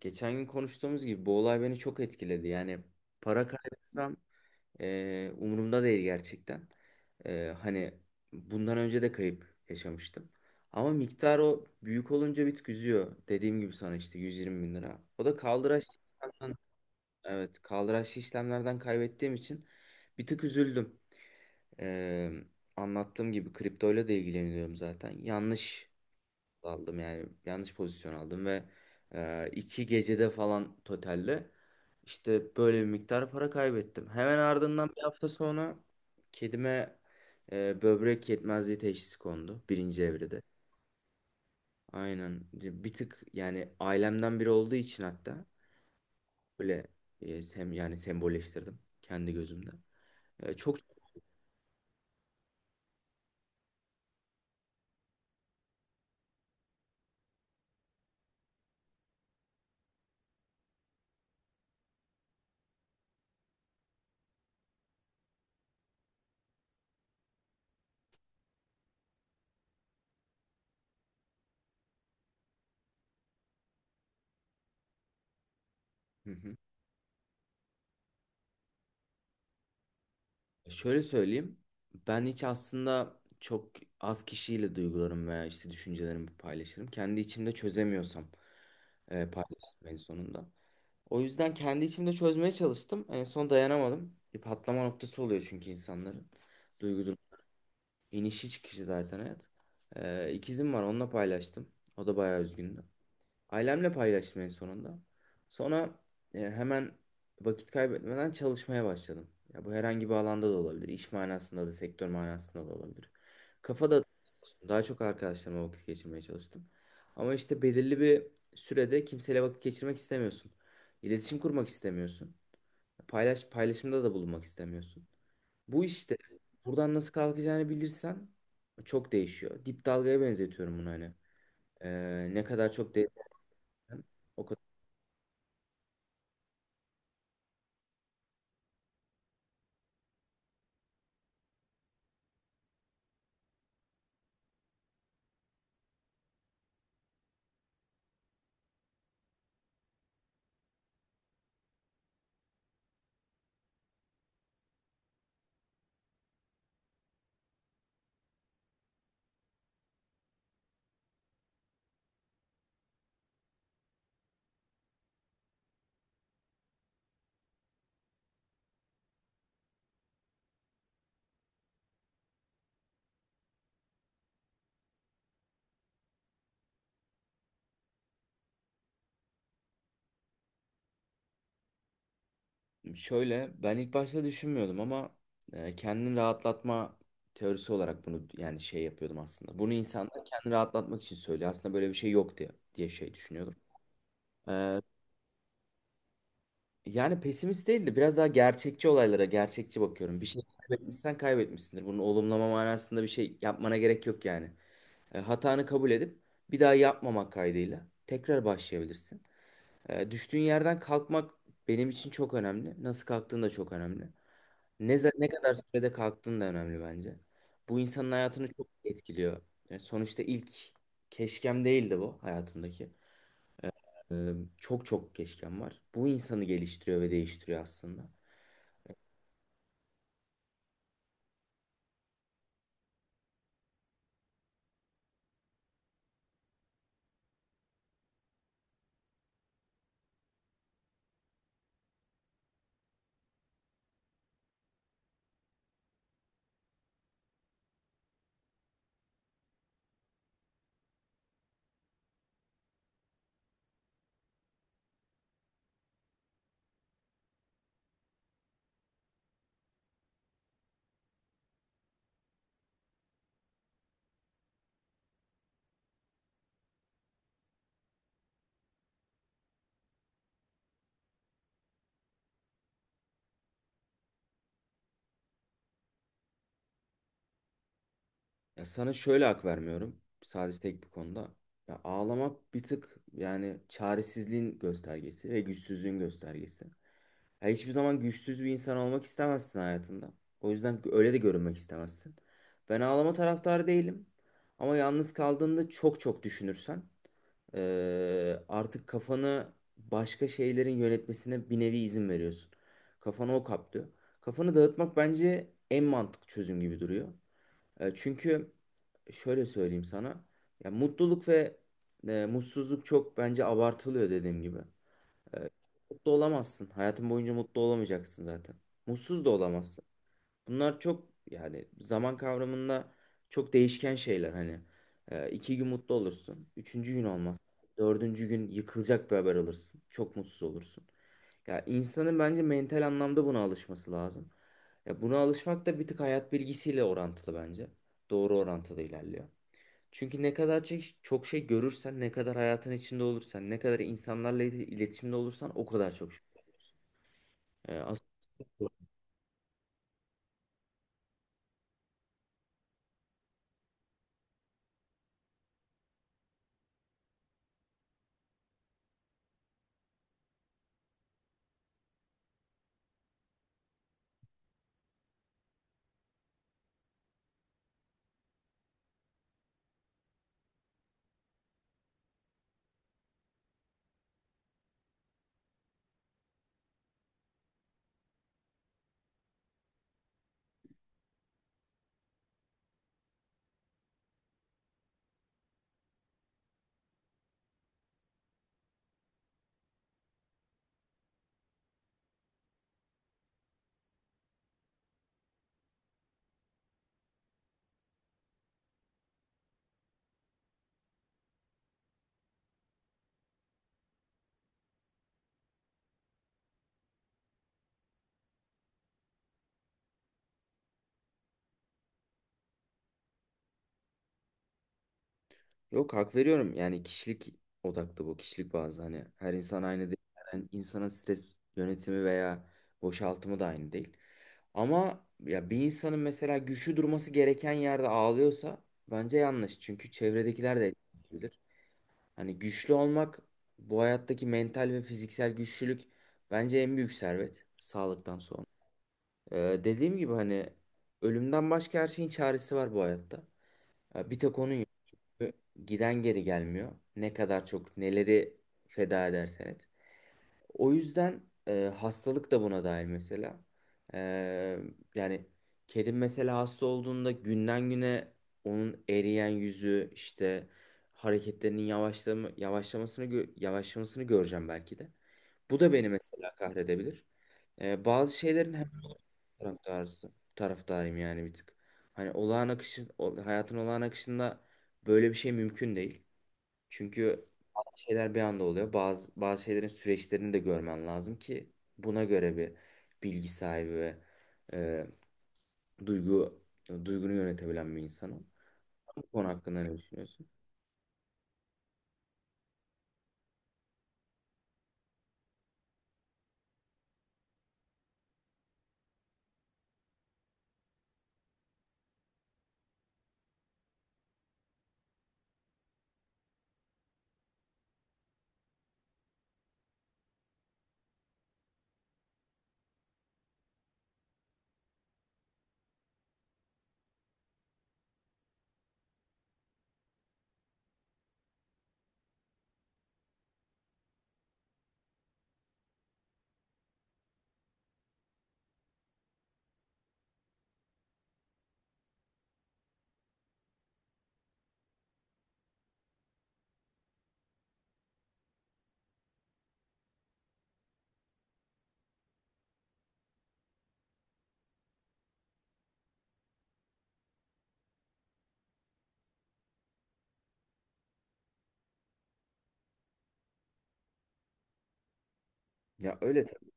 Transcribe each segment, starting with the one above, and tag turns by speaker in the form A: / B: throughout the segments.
A: Geçen gün konuştuğumuz gibi bu olay beni çok etkiledi. Yani para kaybetsem umurumda değil gerçekten. Hani bundan önce de kayıp yaşamıştım. Ama miktar o büyük olunca bir tık üzüyor. Dediğim gibi sana işte 120 bin lira. O da kaldıraçlı işlemden, evet kaldıraçlı işlemlerden kaybettiğim için bir tık üzüldüm. E, Anlattığım gibi kriptoyla da ilgileniyorum zaten. Yanlış aldım, yani yanlış pozisyon aldım ve iki gecede falan totalde işte böyle bir miktar para kaybettim. Hemen ardından bir hafta sonra kedime böbrek yetmezliği teşhisi kondu, birinci evrede. Aynen, bir tık yani ailemden biri olduğu için hatta böyle e, sem yani sembolleştirdim kendi gözümde. E, çok Hı hı. Şöyle söyleyeyim. Ben hiç aslında çok az kişiyle duygularım veya işte düşüncelerimi paylaşırım. Kendi içimde çözemiyorsam paylaşırım en sonunda. O yüzden kendi içimde çözmeye çalıştım. En son dayanamadım. Bir patlama noktası oluyor çünkü insanların. Duygu durum. İnişi çıkışı zaten hayat. İkizim var, onunla paylaştım. O da bayağı üzgündü. Ailemle paylaştım en sonunda. Sonra hemen vakit kaybetmeden çalışmaya başladım. Ya bu herhangi bir alanda da olabilir. İş manasında da, sektör manasında da olabilir. Kafada daha çok arkadaşlarıma vakit geçirmeye çalıştım. Ama işte belirli bir sürede kimseyle vakit geçirmek istemiyorsun. İletişim kurmak istemiyorsun. Paylaşımda da bulunmak istemiyorsun. Bu işte buradan nasıl kalkacağını bilirsen çok değişiyor. Dip dalgaya benzetiyorum bunu hani. Ne kadar çok değersen o kadar. Şöyle, ben ilk başta düşünmüyordum ama kendini rahatlatma teorisi olarak bunu yani şey yapıyordum aslında. Bunu insanlar kendini rahatlatmak için söylüyor. Aslında böyle bir şey yok diye şey düşünüyordum. E, Yani pesimist değil de biraz daha gerçekçi, olaylara gerçekçi bakıyorum. Bir şey kaybetmişsen kaybetmişsindir. Bunu olumlama manasında bir şey yapmana gerek yok yani. Hatanı kabul edip bir daha yapmamak kaydıyla tekrar başlayabilirsin. Düştüğün yerden kalkmak benim için çok önemli. Nasıl kalktığın da çok önemli. Ne kadar sürede kalktığın da önemli bence. Bu insanın hayatını çok etkiliyor. Yani sonuçta ilk keşkem değildi bu hayatımdaki. Ee, Çok çok keşkem var. Bu insanı geliştiriyor ve değiştiriyor aslında. Ya sana şöyle hak vermiyorum. Sadece tek bir konuda. Ya ağlamak bir tık yani çaresizliğin göstergesi ve güçsüzlüğün göstergesi. Ya hiçbir zaman güçsüz bir insan olmak istemezsin hayatında. O yüzden öyle de görünmek istemezsin. Ben ağlama taraftarı değilim. Ama yalnız kaldığında çok çok düşünürsen artık kafanı başka şeylerin yönetmesine bir nevi izin veriyorsun. Kafanı o kaplıyor. Kafanı dağıtmak bence en mantıklı çözüm gibi duruyor. Çünkü şöyle söyleyeyim sana. Ya mutluluk ve mutsuzluk çok bence abartılıyor, dediğim gibi. Ee, Mutlu olamazsın. Hayatın boyunca mutlu olamayacaksın zaten. Mutsuz da olamazsın. Bunlar çok, yani zaman kavramında çok değişken şeyler hani. İki gün mutlu olursun. Üçüncü gün olmaz. Dördüncü gün yıkılacak bir haber alırsın. Çok mutsuz olursun. Ya insanın bence mental anlamda buna alışması lazım. Ya buna alışmak da bir tık hayat bilgisiyle orantılı bence. Doğru orantılı ilerliyor. Çünkü ne kadar çok şey görürsen, ne kadar hayatın içinde olursan, ne kadar insanlarla iletişimde olursan o kadar çok şey. Ee, as- Yok, hak veriyorum. Yani kişilik odaklı bu. Kişilik bazlı, hani her insan aynı değil. Yani insanın stres yönetimi veya boşaltımı da aynı değil. Ama ya bir insanın mesela güçlü durması gereken yerde ağlıyorsa bence yanlış. Çünkü çevredekiler de etkileyebilir. Hani güçlü olmak, bu hayattaki mental ve fiziksel güçlülük bence en büyük servet sağlıktan sonra. Dediğim gibi hani ölümden başka her şeyin çaresi var bu hayatta. Ya bir tek onun yok. Giden geri gelmiyor. Ne kadar çok neleri feda edersen et. O yüzden hastalık da buna dahil mesela. E, Yani kedim mesela hasta olduğunda günden güne onun eriyen yüzü, işte hareketlerinin yavaşlamasını yavaşlamasını göreceğim belki de. Bu da beni mesela kahredebilir. Bazı şeylerin hem taraftarıyım yani bir tık. Hayatın olağan akışında böyle bir şey mümkün değil. Çünkü bazı şeyler bir anda oluyor. Bazı şeylerin süreçlerini de görmen lazım ki buna göre bir bilgi sahibi ve e, duygu duygunu yönetebilen bir insan ol. Bu konu hakkında ne düşünüyorsun? Ya öyle tabii.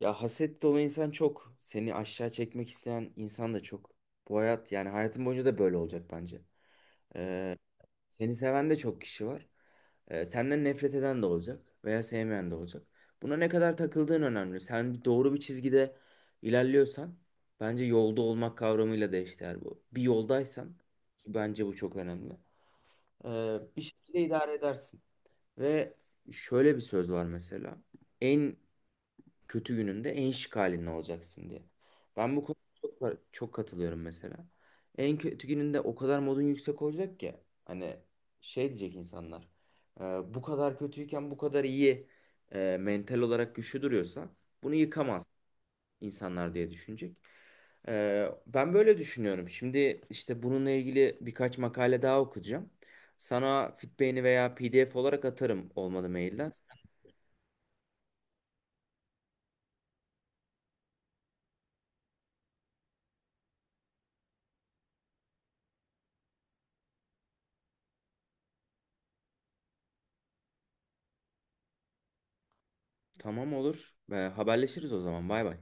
A: Ya haset dolu insan çok. Seni aşağı çekmek isteyen insan da çok. Bu hayat, yani hayatın boyunca da böyle olacak bence. Ee, Seni seven de çok kişi var. Senden nefret eden de olacak veya sevmeyen de olacak. Buna ne kadar takıldığın önemli. Sen doğru bir çizgide ilerliyorsan, bence yolda olmak kavramıyla da eşdeğer bu. Bir yoldaysan, ki bence bu çok önemli, bir şekilde idare edersin. Ve şöyle bir söz var mesela. En kötü gününde en şık halinde olacaksın diye. Ben bu konuda çok, çok katılıyorum mesela. En kötü gününde o kadar modun yüksek olacak ki hani şey diyecek insanlar, "E, bu kadar kötüyken bu kadar iyi, mental olarak güçlü duruyorsa bunu yıkamaz insanlar" diye düşünecek. Ben böyle düşünüyorum. Şimdi işte bununla ilgili birkaç makale daha okuyacağım. Sana Fitbay'ini veya PDF olarak atarım, olmadı mailden. Tamam, olur. Haberleşiriz o zaman. Bay bay.